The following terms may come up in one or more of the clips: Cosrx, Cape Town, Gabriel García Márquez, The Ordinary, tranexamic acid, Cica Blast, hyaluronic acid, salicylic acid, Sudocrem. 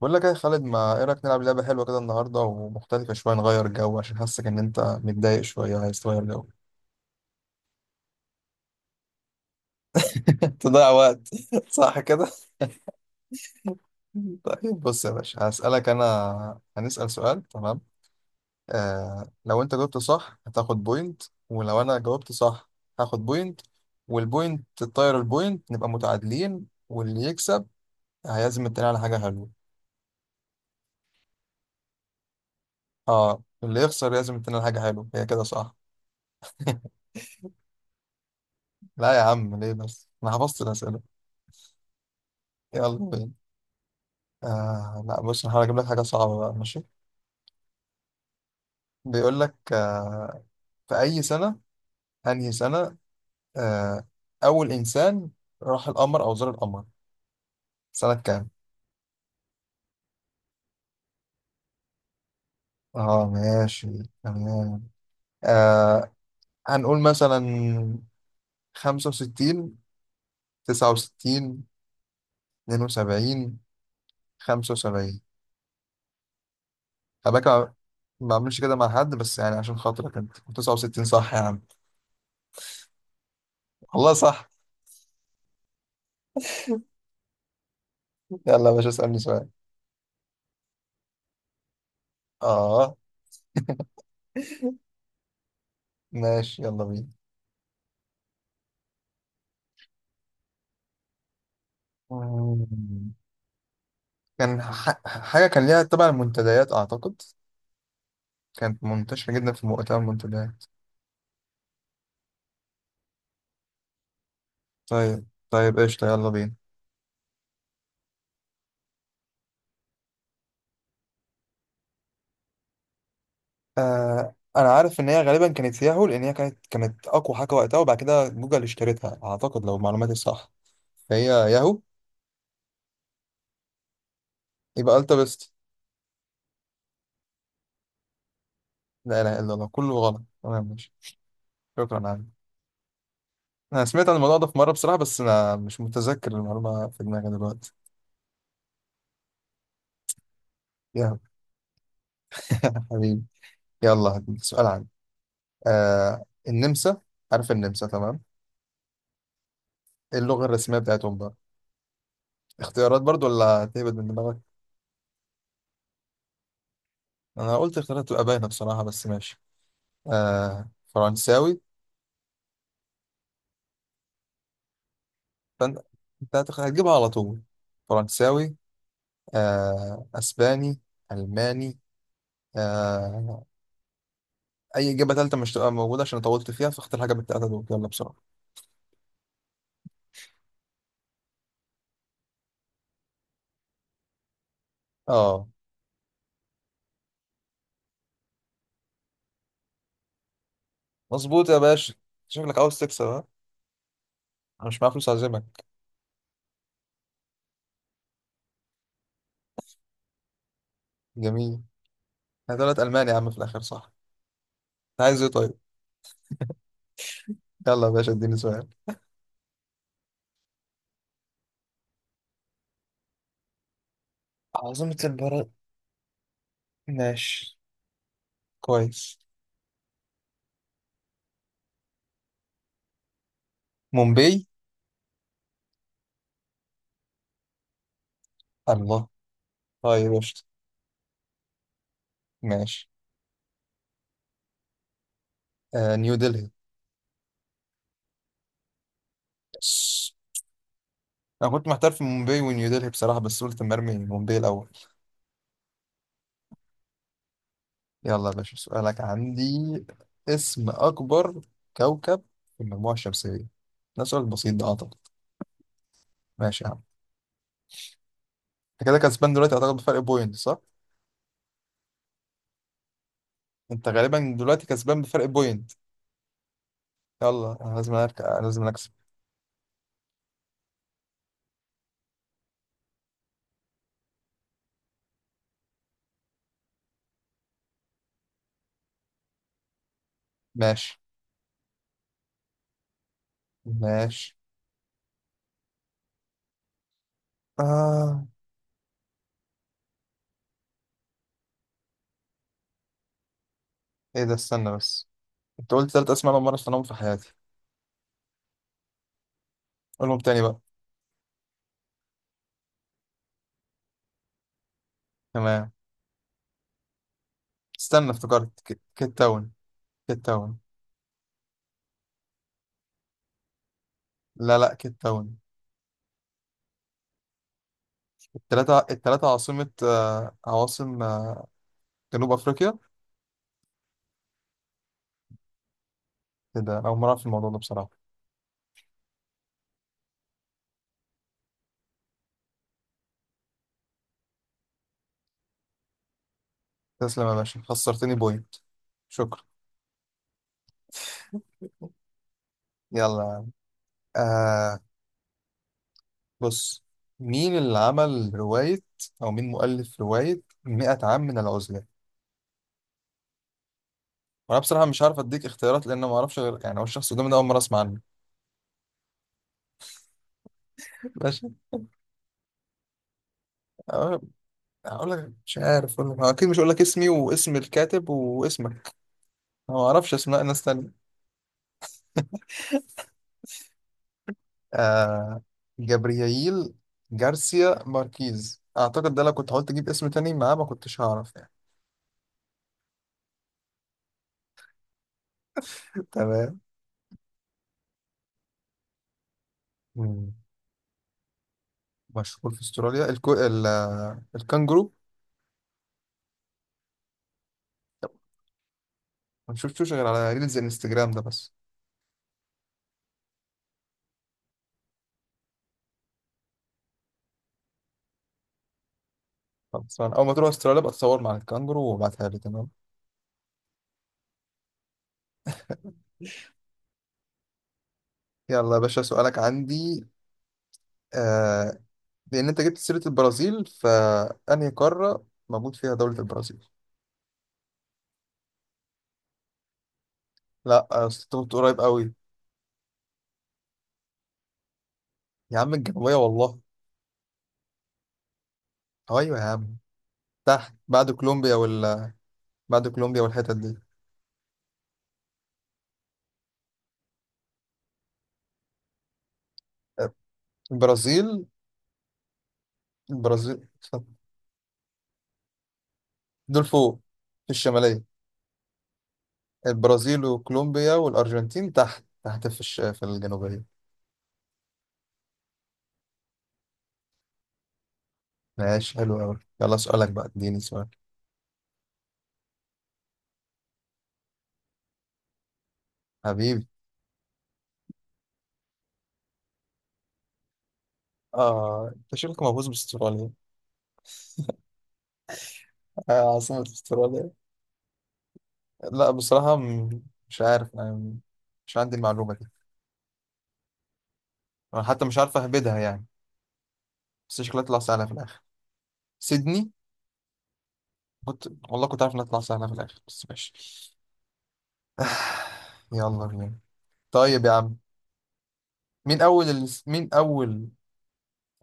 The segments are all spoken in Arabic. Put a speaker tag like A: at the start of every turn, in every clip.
A: بقول لك إيه يا خالد، ما ايه رايك نلعب لعبه حلوه كده النهارده ومختلفه شويه، نغير جو عشان حاسك ان انت متضايق شويه عايز تغير جو. تضيع وقت. صح كده. طيب بص يا باشا، هسالك، انا هنسال سؤال، تمام؟ لو انت جاوبت صح هتاخد بوينت، ولو انا جاوبت صح هاخد بوينت، والبوينت تطير البوينت، نبقى متعادلين، واللي يكسب هيعزم التاني على حاجه حلوه. اه، اللي يخسر يعزم التاني على حاجه حلوه، هي كده صح. لا يا عم، ليه بس؟ انا حفظت الاسئله. يلا بينا. لا بص، انا هحاول اجيب لك حاجه صعبه بقى، ماشي. بيقول لك في اي سنه، انهي سنه، آه اول انسان راح القمر او زار القمر، سنه كام؟ اه ماشي، تمام. آه هنقول مثلا 65، 69، 72، 75. خلي بالك، ما بعملش كده مع حد، بس يعني عشان خاطرك انت، 69 صح يا عم؟ والله صح. يلا يا باشا اسالني سؤال. اه ماشي، يلا بينا. كان حاجة كان ليها تبع المنتديات أعتقد، كانت منتشرة جدا في مؤتمر المنتديات. طيب طيب قشطة، يلا بينا. آه أنا عارف إن هي غالبا كانت ياهو، لأن هي كانت أقوى حاجة وقتها، وبعد كده جوجل اشترتها أعتقد لو معلوماتي صح، فهي ياهو. يبقى ألتا بيست. لا إله إلا الله، كله غلط، تمام ماشي. شكرا عم. أنا سمعت عن الموضوع ده في مرة بصراحة، بس أنا مش متذكر المعلومة في دماغي دلوقتي. ياهو. حبيبي. يلا هديك سؤال عن النمسا. عارف النمسا؟ تمام. ايه اللغة الرسمية بتاعتهم بقى؟ اختيارات برضو ولا هتهبد من دماغك؟ انا قلت اختيارات تبقى باينة بصراحة، بس ماشي. آه، فرنساوي. فانت هتجيبها على طول. فرنساوي، آه، اسباني، الماني، آه، اي اجابة تالتة مش تبقى موجودة عشان طولت فيها، فاختار حاجة من التلاتة دول، يلا بسرعة. اه مظبوط يا باشا، شكلك عاوز تكسب ها. انا مش معايا فلوس اعزمك. جميل، انا طلعت الماني يا عم في الاخر صح. انت عايز ايه طيب؟ يلا يا باشا اديني سؤال. عاصمة البلد. ماشي، كويس. مومباي. الله، طيب قشطة. ماشي. آه، نيو دلهي. بس انا كنت محتار في مومباي ونيو دلهي بصراحة، بس قلت مرمي مومباي الاول. يلا يا باشا سؤالك عندي. اسم اكبر كوكب في المجموعة الشمسية، ده سؤال بسيط ده اعتقد. ماشي يا عم. انت كده كسبان دلوقتي اعتقد بفرق بوينت صح؟ انت غالبا دلوقتي كسبان بفرق بوينت. يلا أنا لازم أركع. لازم اكسب. ماشي ماشي. آه، ايه ده، استنى بس، انت قلت ثلاث اسماء انا مرة في حياتي، قولهم تاني بقى. تمام. استنى افتكرت كيت تاون. كيت تاون. لا لا، كيت تاون. التلاتة التلاتة عاصمة، آه، عواصم، آه، جنوب أفريقيا. كده أنا أول مرة أعرف الموضوع ده بصراحة. تسلم يا باشا، خسرتني بوينت. شكرا. يلا، آه بص. مين اللي عمل رواية أو مين مؤلف رواية 100 عام من العزلة؟ وأنا بصراحة مش عارف أديك اختيارات لأن ما أعرفش، غير يعني هو الشخص قدامي ده أول مرة أسمع عنه. ماشي. أه، هقول لك مش عارف أقول لك، أكيد مش هقول لك اسمي واسم الكاتب واسمك. أنا ما أعرفش أسماء ناس تانية. آه، جابرييل جارسيا ماركيز اعتقد، ده لو كنت حاولت اجيب اسم تاني معاه ما كنتش هعرف يعني. تمام. مم. مشهور في استراليا؟ الكو... ال... آه، الكانجرو. ما شفتوش غير على ريلز الانستجرام ده بس. خلاص، أنا اول ما تروح استراليا بقى تصور مع الكانجرو وابعتها لي، تمام. يلا يا باشا سؤالك عندي. آه... لان انت جبت سيرة البرازيل، فانهي قارة موجود فيها دولة البرازيل؟ لا، آه، أصل انت كنت قريب قوي. يا عم الجنوبية والله. ايوه يا عم. تحت بعد كولومبيا وال بعد كولومبيا والحتت دي. البرازيل. البرازيل دول فوق في الشمالية؟ البرازيل وكولومبيا والأرجنتين تحت تحت في في الجنوبية. ماشي حلو أوي، يلا سؤالك بقى، اديني سؤال. حبيبي. آه أنت شكلك مهووس باستراليا. آه، عاصمة استراليا. لا بصراحة مش عارف أنا، مش عندي المعلومة دي. أنا حتى مش عارف أهبدها يعني، بس شكلها تطلع سهلة في الآخر. سيدني. كنت والله كنت عارف إنها تطلع سهلة في الآخر، بس ماشي. يلا بينا. طيب يا عم، مين أول،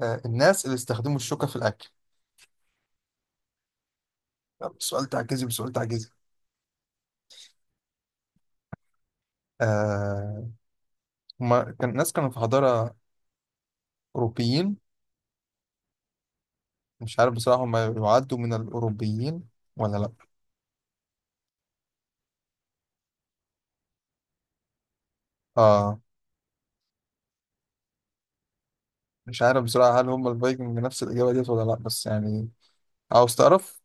A: آه، الناس اللي استخدموا الشوكة في الأكل؟ يلا، سؤال تعجزي بسؤال تعجزي. آه، هما كان الناس كانوا في حضارة. أوروبيين. مش عارف بصراحة هما يعدوا من الأوروبيين ولا لأ؟ آه، مش عارف بصراحة هل هما الفايكنج نفس الإجابة ديت ولا لأ، بس يعني عاوز تعرف،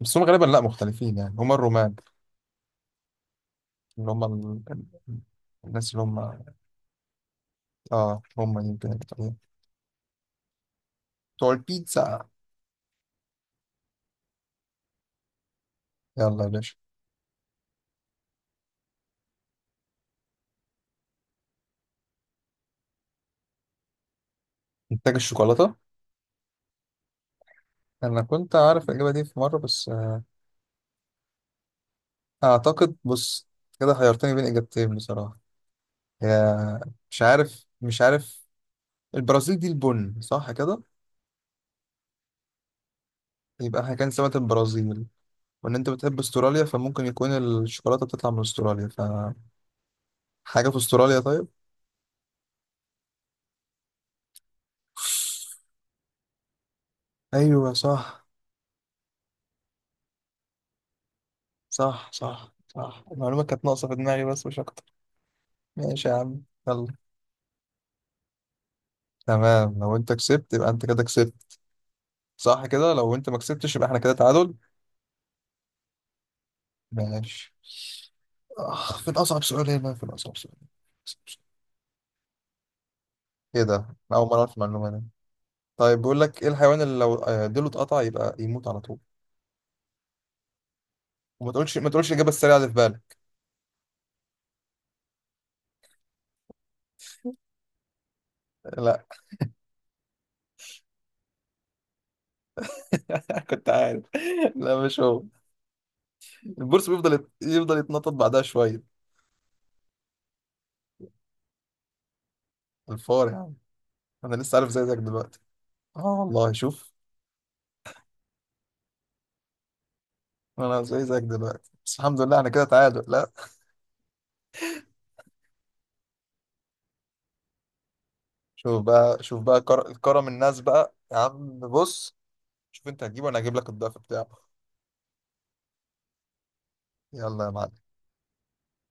A: بس هما غالبا لأ، مختلفين يعني، هما الرومان، اللي هما ال- الناس اللي هما، آه هما يمكن بتوع البيتزا. يلا يا باشا. إنتاج الشوكولاتة. انا كنت عارف الاجابه دي في مره، بس آه، اعتقد بص، كده حيرتني بين اجابتين بصراحه. يا مش عارف مش عارف. البرازيل دي البن صح كده، يبقى احنا كان سمكه البرازيل، وان انت بتحب استراليا فممكن يكون الشوكولاته بتطلع من استراليا، فحاجه في استراليا طيب. ايوه صح، صح المعلومه كانت ناقصه في دماغي بس مش اكتر. ماشي يا عم. يلا، تمام، لو انت كسبت يبقى انت كده كسبت صح كده، لو انت ما كسبتش يبقى احنا كده تعادل. ماشي. آه، فين أصعب سؤال هنا، فين أصعب سؤال. إيه ده، أنا أول مرة أعرف المعلومة دي. طيب بيقول لك إيه الحيوان اللي لو، آه، ديله اتقطع يبقى يموت على طول؟ وما تقولش ما تقولش الإجابة السريعة اللي في بالك. لا كنت عارف، لا مش هو. البورس يفضل يتنطط بعدها شوية. الفار يا عم، أنا لسه عارف زي زيك دلوقتي. آه والله شوف. أنا زي زيك دلوقتي، بس الحمد لله أنا كده تعادل، لا. شوف بقى شوف بقى، كرم الناس بقى يا عم، بص، شوف أنت هتجيبه وأنا هجيب لك الضعف بتاعه. يلا يا معلم.